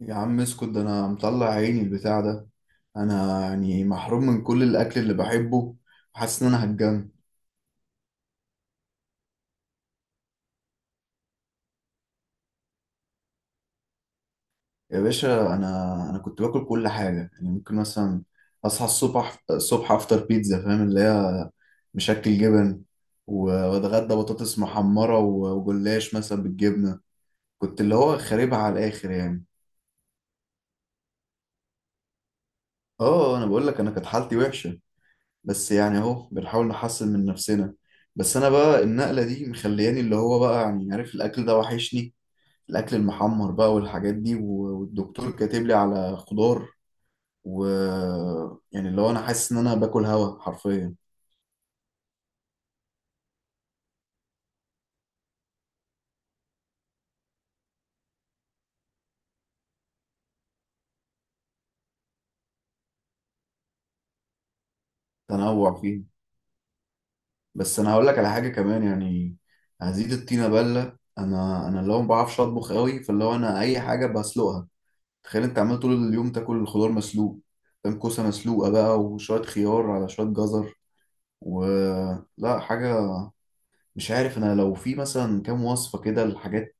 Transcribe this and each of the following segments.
يا عم اسكت، ده انا مطلع عيني البتاع ده. انا يعني محروم من كل الاكل اللي بحبه. حاسس ان انا هتجن. يا باشا انا كنت باكل كل حاجه، يعني ممكن مثلا اصحى الصبح الصبح افطر بيتزا، فاهم؟ اللي هي مشكل جبن و- واتغدى بطاطس محمره وجلاش مثلا بالجبنه. كنت اللي هو خاربها على الاخر يعني. اه، انا بقول لك انا كانت حالتي وحشه، بس يعني اهو بنحاول نحسن من نفسنا. بس انا بقى النقلة دي مخلياني اللي هو بقى، يعني عارف، الاكل ده وحشني. الاكل المحمر بقى والحاجات دي والدكتور كاتب لي على خضار و يعني اللي هو انا حاسس ان انا باكل هوا حرفيا. تنوع فيه. بس انا هقول لك على حاجة كمان يعني، هزيد الطينة بلة. انا اللي هو ما بعرفش اطبخ قوي، فاللي هو انا اي حاجة بسلقها. تخيل انت عمال طول اليوم تاكل الخضار مسلوق، فاهم؟ كوسة مسلوقة بقى وشوية خيار على شوية جزر، ولا حاجة. مش عارف أنا لو في مثلا كام وصفة كده، الحاجات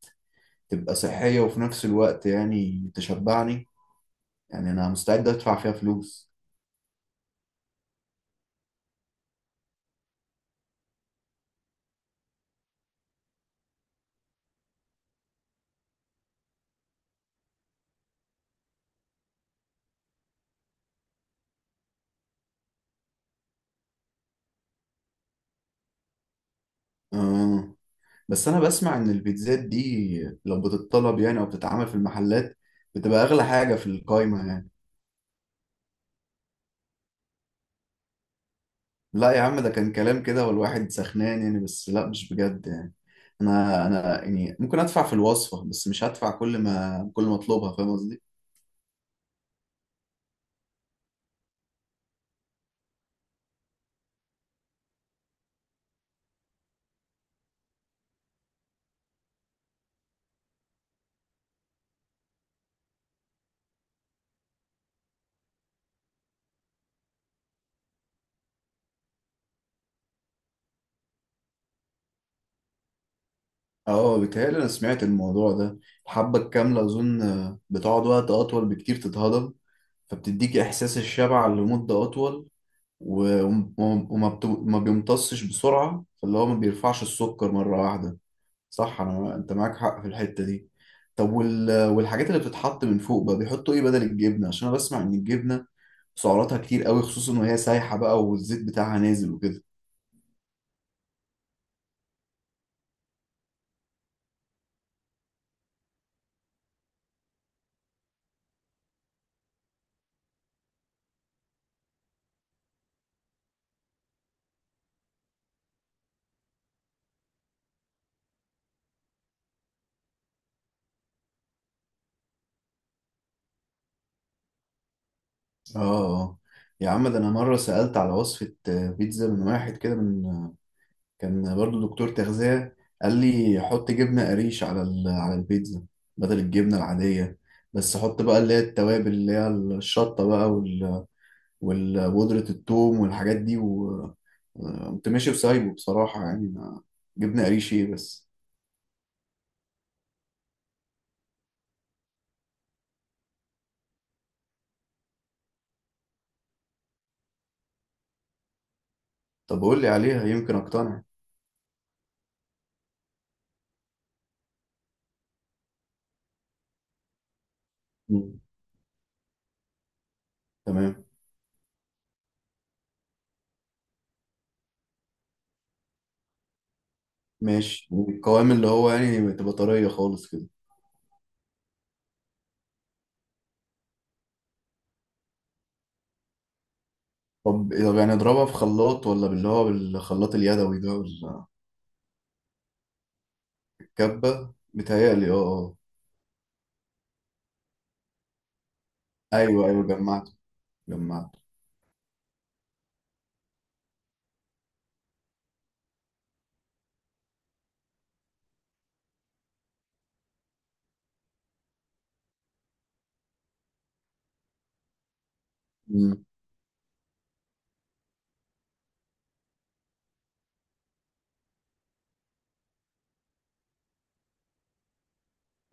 تبقى صحية وفي نفس الوقت يعني تشبعني. يعني أنا مستعد أدفع فيها فلوس. آه. بس أنا بسمع إن البيتزات دي لو بتتطلب يعني أو بتتعمل في المحلات، بتبقى أغلى حاجة في القايمة يعني. لا يا عم، ده كان كلام كده والواحد سخنان يعني، بس لا مش بجد يعني. أنا يعني ممكن أدفع في الوصفة، بس مش هدفع كل ما أطلبها، فاهم قصدي؟ اه، بيتهيألي أنا سمعت الموضوع ده. الحبة الكاملة أظن بتقعد وقت أطول بكتير تتهضم، فبتديك إحساس الشبع لمدة أطول. و- وم- ما بيمتصش بسرعة، فاللي هو ما بيرفعش السكر مرة واحدة. صح، أنت معاك حق في الحتة دي. طب والحاجات اللي بتتحط من فوق بقى بيحطوا إيه بدل الجبنة؟ عشان أنا بسمع إن الجبنة سعراتها كتير قوي، خصوصا وهي سايحة بقى والزيت بتاعها نازل وكده. اه. آه. يا عم، ده انا مره سالت على وصفه بيتزا من واحد كده، من كان برضو دكتور تغذية. قال لي حط جبنة قريش على على البيتزا بدل الجبنة العادية. بس حط بقى اللي هي التوابل، اللي هي الشطة بقى وبودرة الثوم والحاجات دي و آه، قمت ماشي وسايبه بصراحة يعني ما. جبنة قريش ايه بس! طب قول لي عليها يمكن اقتنع. مم. تمام. ماشي. القوام اللي هو يعني تبقى طرية خالص كده. طب يعني اضربها في خلاط، ولا باللي هو بالخلاط اليدوي ده ولا؟ الكبة متهيألي اه. آه. ايوه ايوه، جمعته جمعته. مم.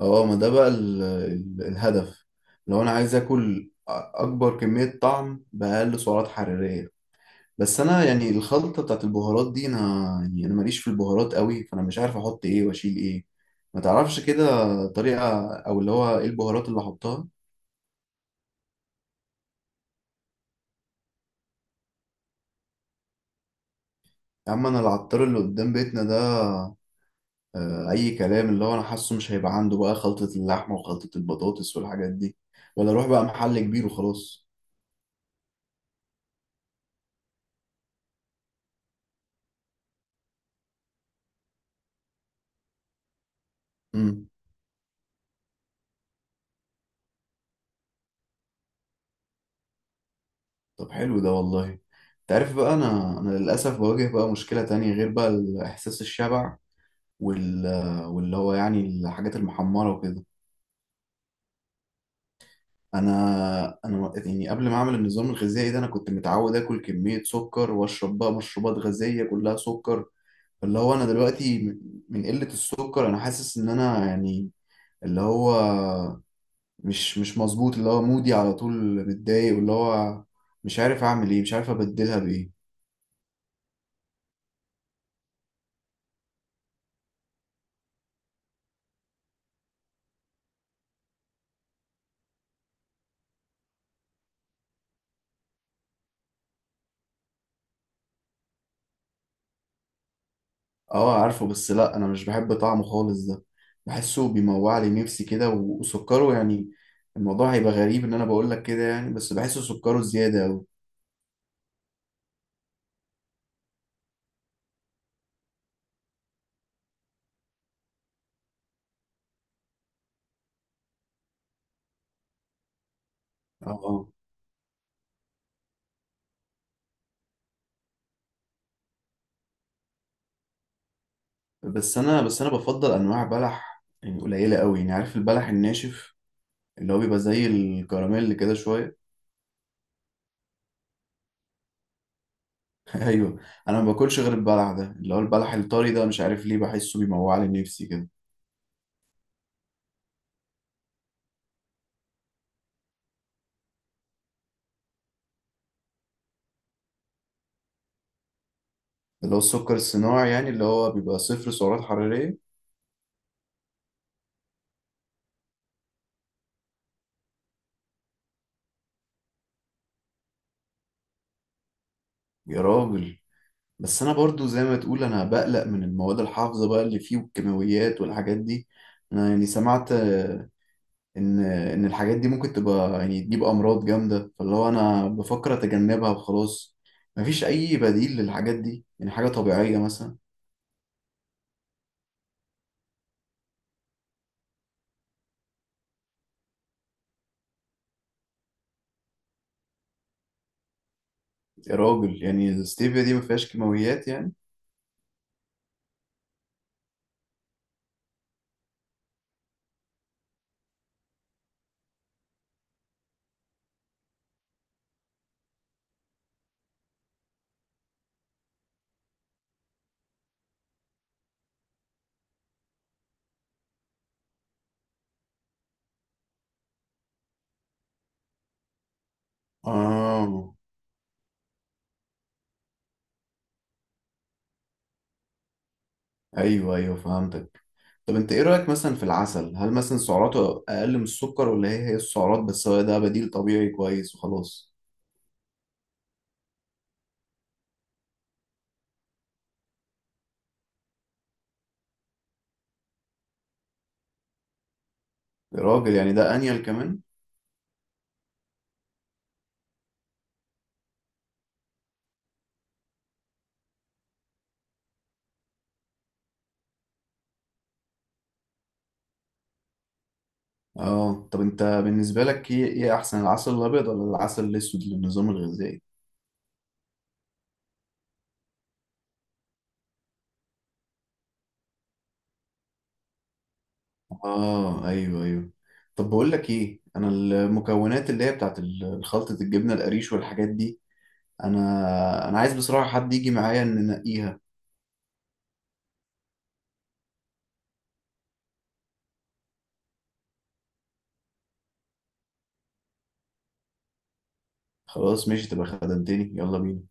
اه، ما ده بقى الهدف. لو انا عايز اكل اكبر كميه طعم باقل سعرات حراريه. بس انا يعني الخلطه بتاعت البهارات دي انا، يعني انا ماليش في البهارات قوي، فانا مش عارف احط ايه واشيل ايه. ما تعرفش كده طريقه، او اللي هو ايه البهارات اللي احطها؟ يا عم انا العطار اللي قدام بيتنا ده اي كلام، اللي هو انا حاسه مش هيبقى عنده بقى خلطه اللحمه وخلطه البطاطس والحاجات دي. ولا اروح بقى محل كبير وخلاص؟ مم. طب حلو ده والله. انت عارف بقى، انا للاسف بواجه بقى مشكله تانية غير بقى احساس الشبع وال واللي هو يعني الحاجات المحمره وكده. انا يعني قبل ما اعمل النظام الغذائي ده انا كنت متعود اكل كميه سكر واشرب بقى مشروبات غازيه كلها سكر. اللي هو انا دلوقتي من قله السكر انا حاسس ان انا، يعني اللي هو مش مظبوط، اللي هو مودي على طول، متضايق، واللي هو مش عارف اعمل ايه، مش عارف ابدلها بايه. اه عارفه، بس لا انا مش بحب طعمه خالص ده. بحسه بيموع لي نفسي كده وسكره يعني. الموضوع هيبقى غريب ان انا بقول لك كده يعني، بس بحسه سكره زياده قوي. اه اه. بس انا بفضل انواع بلح يعني قليله قوي، يعني عارف البلح الناشف اللي هو بيبقى زي الكراميل كده شويه. ايوه. انا ما باكلش غير البلح ده، اللي هو البلح الطري ده، مش عارف ليه بحسه بيموع لي نفسي كده. اللي هو السكر الصناعي يعني، اللي هو بيبقى صفر سعرات حراريه. يا راجل. بس انا برضو زي ما تقول، انا بقلق من المواد الحافظة بقى اللي فيه والكيماويات والحاجات دي. انا يعني سمعت ان الحاجات دي ممكن تبقى يعني تجيب امراض جامدة، فاللي هو انا بفكر اتجنبها وخلاص. مفيش اي بديل للحاجات دي يعني حاجة طبيعية مثلا؟ يا راجل، يعني الستيفيا دي ما فيهاش كيماويات يعني؟ اه ايوه ايوه فهمتك. طب انت ايه رأيك مثلا في العسل؟ هل مثلا سعراته اقل من السكر، ولا هي هي السعرات بس هو ده بديل طبيعي كويس وخلاص؟ يا راجل يعني ده انيل كمان. اه، طب انت بالنسبة لك ايه احسن، العسل الابيض ولا العسل الاسود للنظام الغذائي؟ اه ايوه ايوه. طب بقول لك ايه، انا المكونات اللي هي بتاعت خلطة الجبنة القريش والحاجات دي، انا عايز بصراحة حد يجي معايا ان ننقيها. خلاص ماشي، تبقى خدمتني. يلا بينا.